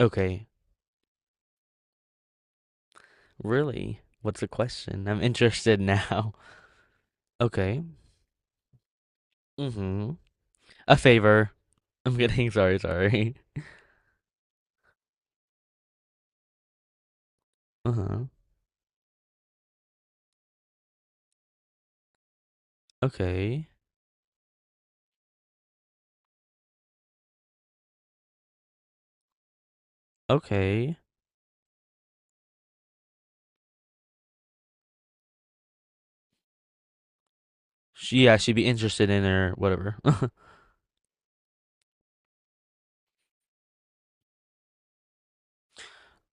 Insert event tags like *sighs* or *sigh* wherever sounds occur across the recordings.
Okay. Really? What's the question? I'm interested now. *laughs* Okay. Mm-hmm. A favor. I'm kidding. *laughs* Sorry, sorry. Uh-huh. Okay. Okay. She, yeah, she'd be interested in her whatever. *laughs*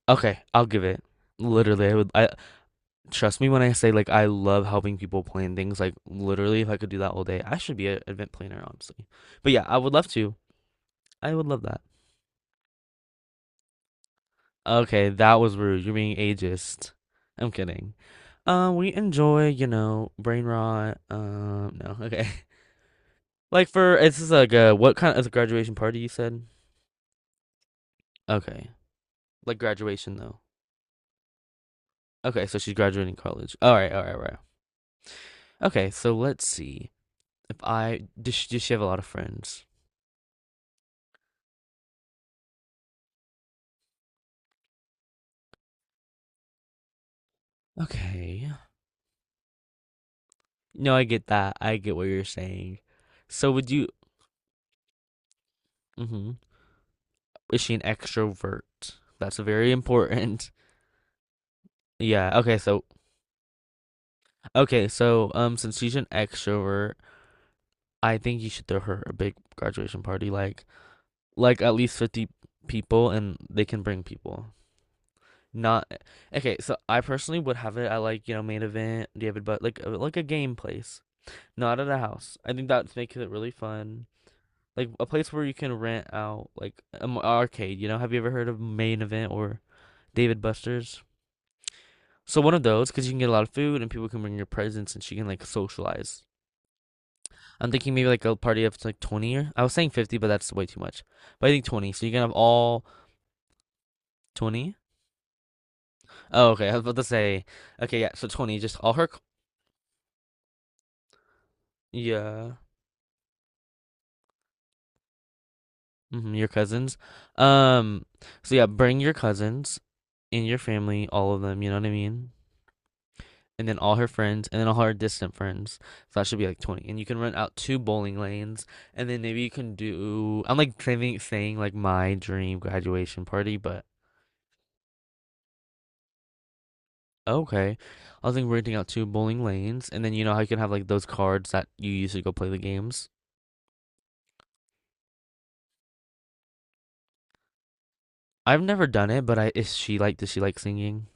Okay, I'll give it. Literally, I would I trust me when I say like I love helping people plan things. Like literally if I could do that all day, I should be an event planner, honestly. But yeah, I would love to. I would love that. Okay, that was rude. You're being ageist. I'm kidding. We enjoy, brain rot. No, okay. *laughs* Like for it's just like a what kind of a graduation party you said? Okay, like graduation though. Okay, so she's graduating college. All right, all right, all right. Okay, so let's see if I does she have a lot of friends? Okay, no, I get that. I get what you're saying. So would you? Mm-hmm. Is she an extrovert? That's very important. *laughs* Yeah. Okay. So okay, so since she's an extrovert, I think you should throw her a big graduation party, like at least 50 people, and they can bring people. Not okay. So I personally would have it at like main event, David, but like a game place, not at a house. I think that makes it really fun. Like a place where you can rent out like an arcade. You know, have you ever heard of main event or David Buster's? So one of those, because you can get a lot of food and people can bring your presents, and she can like socialize. I'm thinking maybe like a party of like 20 or I was saying 50, but that's way too much. But I think 20. So you can have all 20. Oh, okay. I was about to say, okay, yeah. So 20, just all her, c- yeah, hmm your cousins. Um, so yeah, bring your cousins and your family, all of them. You know what I mean? And then all her friends, and then all her distant friends. So that should be like 20. And you can rent out two bowling lanes, and then maybe you can do. I'm like saying like my dream graduation party, but. Okay. I was, like, renting out 2 bowling lanes, and then you know how you can have, like, those cards that you use to go play the games? I've never done it, but I is she like does she like singing?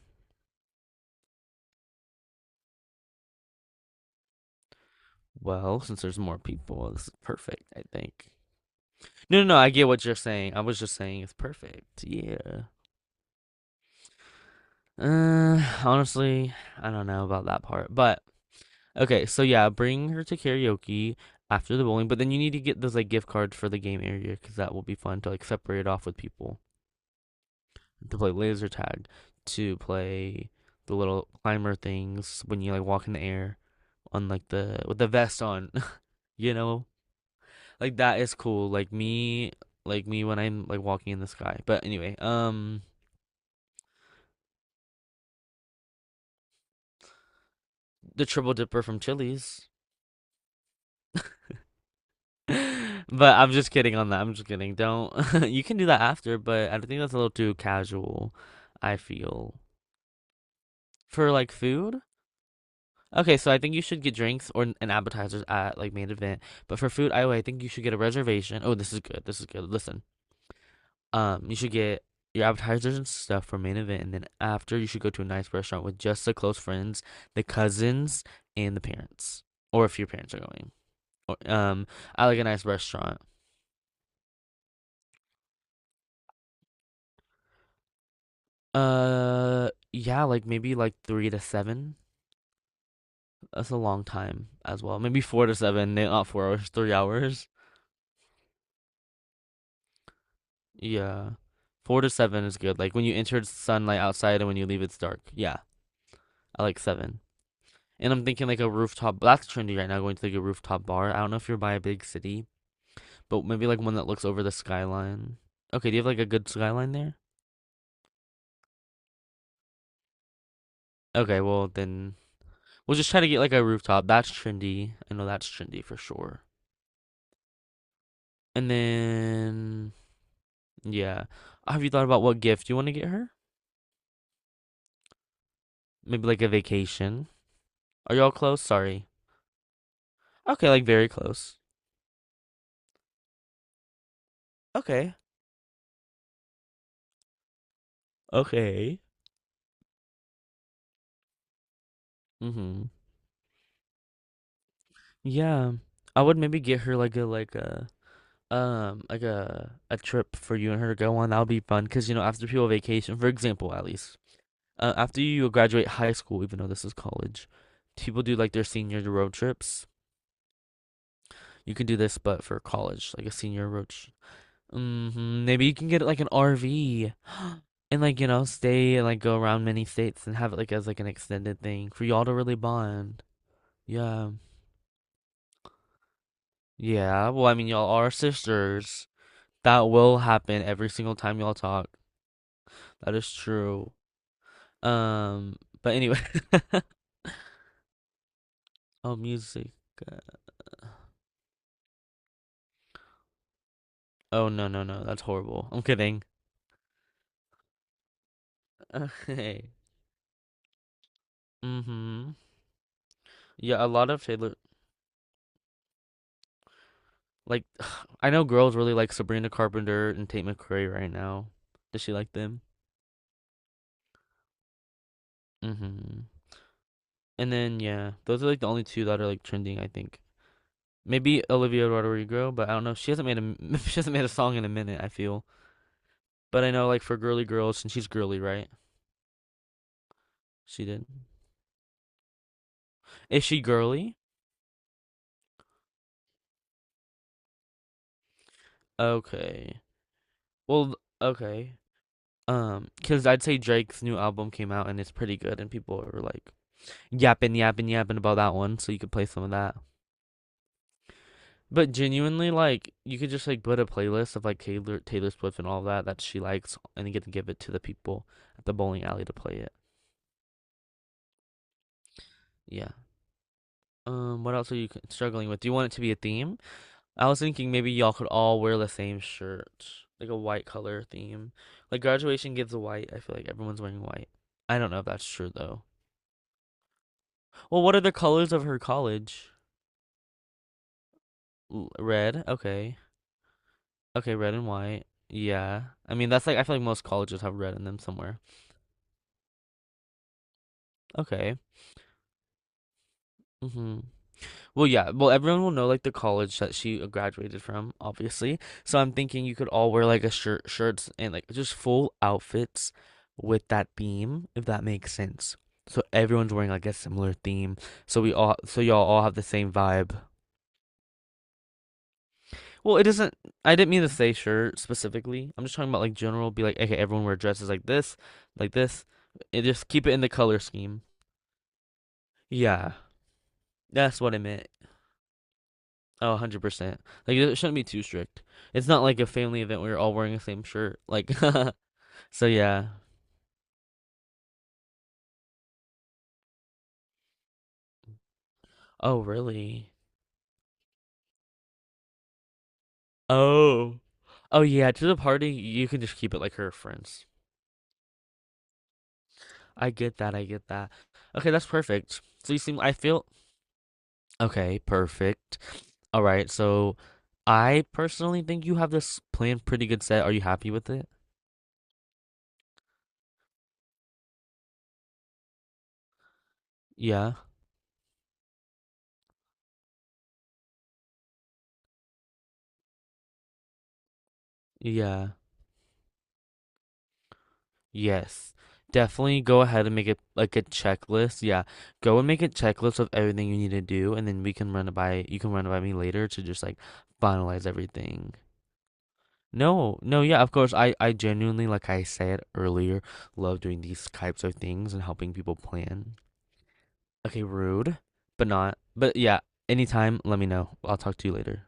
Well, since there's more people, this is perfect, I think. No, no, no, I get what you're saying. I was just saying it's perfect. Yeah. Honestly, I don't know about that part. But okay, so yeah, bring her to karaoke after the bowling, but then you need to get those like gift cards for the game area because that will be fun to like separate off with people. To play laser tag, to play the little climber things when you like walk in the air on like the with the vest on, *laughs* you know? Like that is cool. Like me when I'm like walking in the sky. But anyway, the triple dipper from Chili's. *laughs* But I'm just kidding on that. I'm just kidding. Don't *laughs* you can do that after, but I think that's a little too casual, I feel. For like food, okay, so I think you should get drinks or an appetizers at like main event. But for food, I think you should get a reservation. Oh, this is good. This is good. Listen, you should get your appetizers and stuff for main event, and then after you should go to a nice restaurant with just the close friends, the cousins, and the parents, or if your parents are going. Or, I like a nice restaurant. Yeah, like maybe like three to seven. That's a long time as well. Maybe four to seven. Not 4 hours, 3 hours. Yeah. Four to seven is good. Like when you enter it's sunlight outside and when you leave it's dark. Yeah. I like seven. And I'm thinking like a rooftop that's trendy right now, going to like a rooftop bar. I don't know if you're by a big city, but maybe like one that looks over the skyline. Okay, do you have like a good skyline there? Okay, well then we'll just try to get like a rooftop. That's trendy. I know that's trendy for sure. And then yeah. Have you thought about what gift you want to get her? Maybe like a vacation. Are y'all close? Sorry. Okay, like very close. Okay. Okay. Mm-hmm. Yeah. I would maybe get her like a like a trip for you and her to go on. That would be fun because you know after people vacation, for example, at least after you graduate high school, even though this is college, people do like their senior road trips. You can do this, but for college, like a senior road. Mm-hmm. Maybe you can get like an RV and like you know stay and like go around many states and have it like as like an extended thing for y'all to really bond. Yeah. Yeah, well, I mean, y'all are sisters. That will happen every single time y'all talk. That is true. Um, but anyway. *laughs* Oh, music. Oh, no, no, no. That's horrible. I'm kidding. *laughs* Okay. Mm-hmm. Yeah, a lot of Taylor. Like, *sighs* I know girls really like Sabrina Carpenter and Tate McRae right now. Does she like them? Mm-hmm. And then, yeah, those are like the only two that are like trending, I think. Maybe Olivia Rodrigo, but I don't know. She hasn't made a *laughs* She hasn't made a song in a minute, I feel. But I know like for girly girls, and she's girly, right? She did. Is she girly? Okay. Well, okay. Cause I'd say Drake's new album came out and it's pretty good, and people are like yapping, yapping, yapping about that one. So you could play some of that. But genuinely, like you could just like put a playlist of like Taylor Swift and all that that she likes, and you get to give it to the people at the bowling alley to play it. Yeah. What else are you struggling with? Do you want it to be a theme? I was thinking maybe y'all could all wear the same shirt, like a white color theme. Like graduation gives a white. I feel like everyone's wearing white. I don't know if that's true though. Well, what are the colors of her college? L- Red. Okay. Okay, red and white. Yeah. I mean, that's like I feel like most colleges have red in them somewhere. Okay. Mhm. Well, yeah. Well, everyone will know like the college that she graduated from, obviously. So I'm thinking you could all wear like a shirts, and like just full outfits with that theme, if that makes sense. So everyone's wearing like a similar theme. So we all, so y'all all have the same vibe. Well, it doesn't. I didn't mean to say shirt specifically. I'm just talking about like general. Be like, okay, everyone wear dresses like this, like this. And just keep it in the color scheme. Yeah, that's what I meant. Oh, 100%. Like it shouldn't be too strict. It's not like a family event where you're all wearing the same shirt. Like *laughs* so yeah. Oh, really? Oh. Oh yeah, to the party, you can just keep it like her friends. I get that. I get that. Okay, that's perfect. So you seem I feel okay, perfect. All right. So I personally think you have this plan pretty good set. Are you happy with it? Yeah. Yeah. Yes, definitely go ahead and make it like a checklist. Yeah, go and make a checklist of everything you need to do, and then we can run it by you can run it by me later to just like finalize everything. No, no, yeah, of course. I genuinely, like I said earlier, love doing these types of things and helping people plan. Okay, rude, but not. But yeah, anytime, let me know. I'll talk to you later.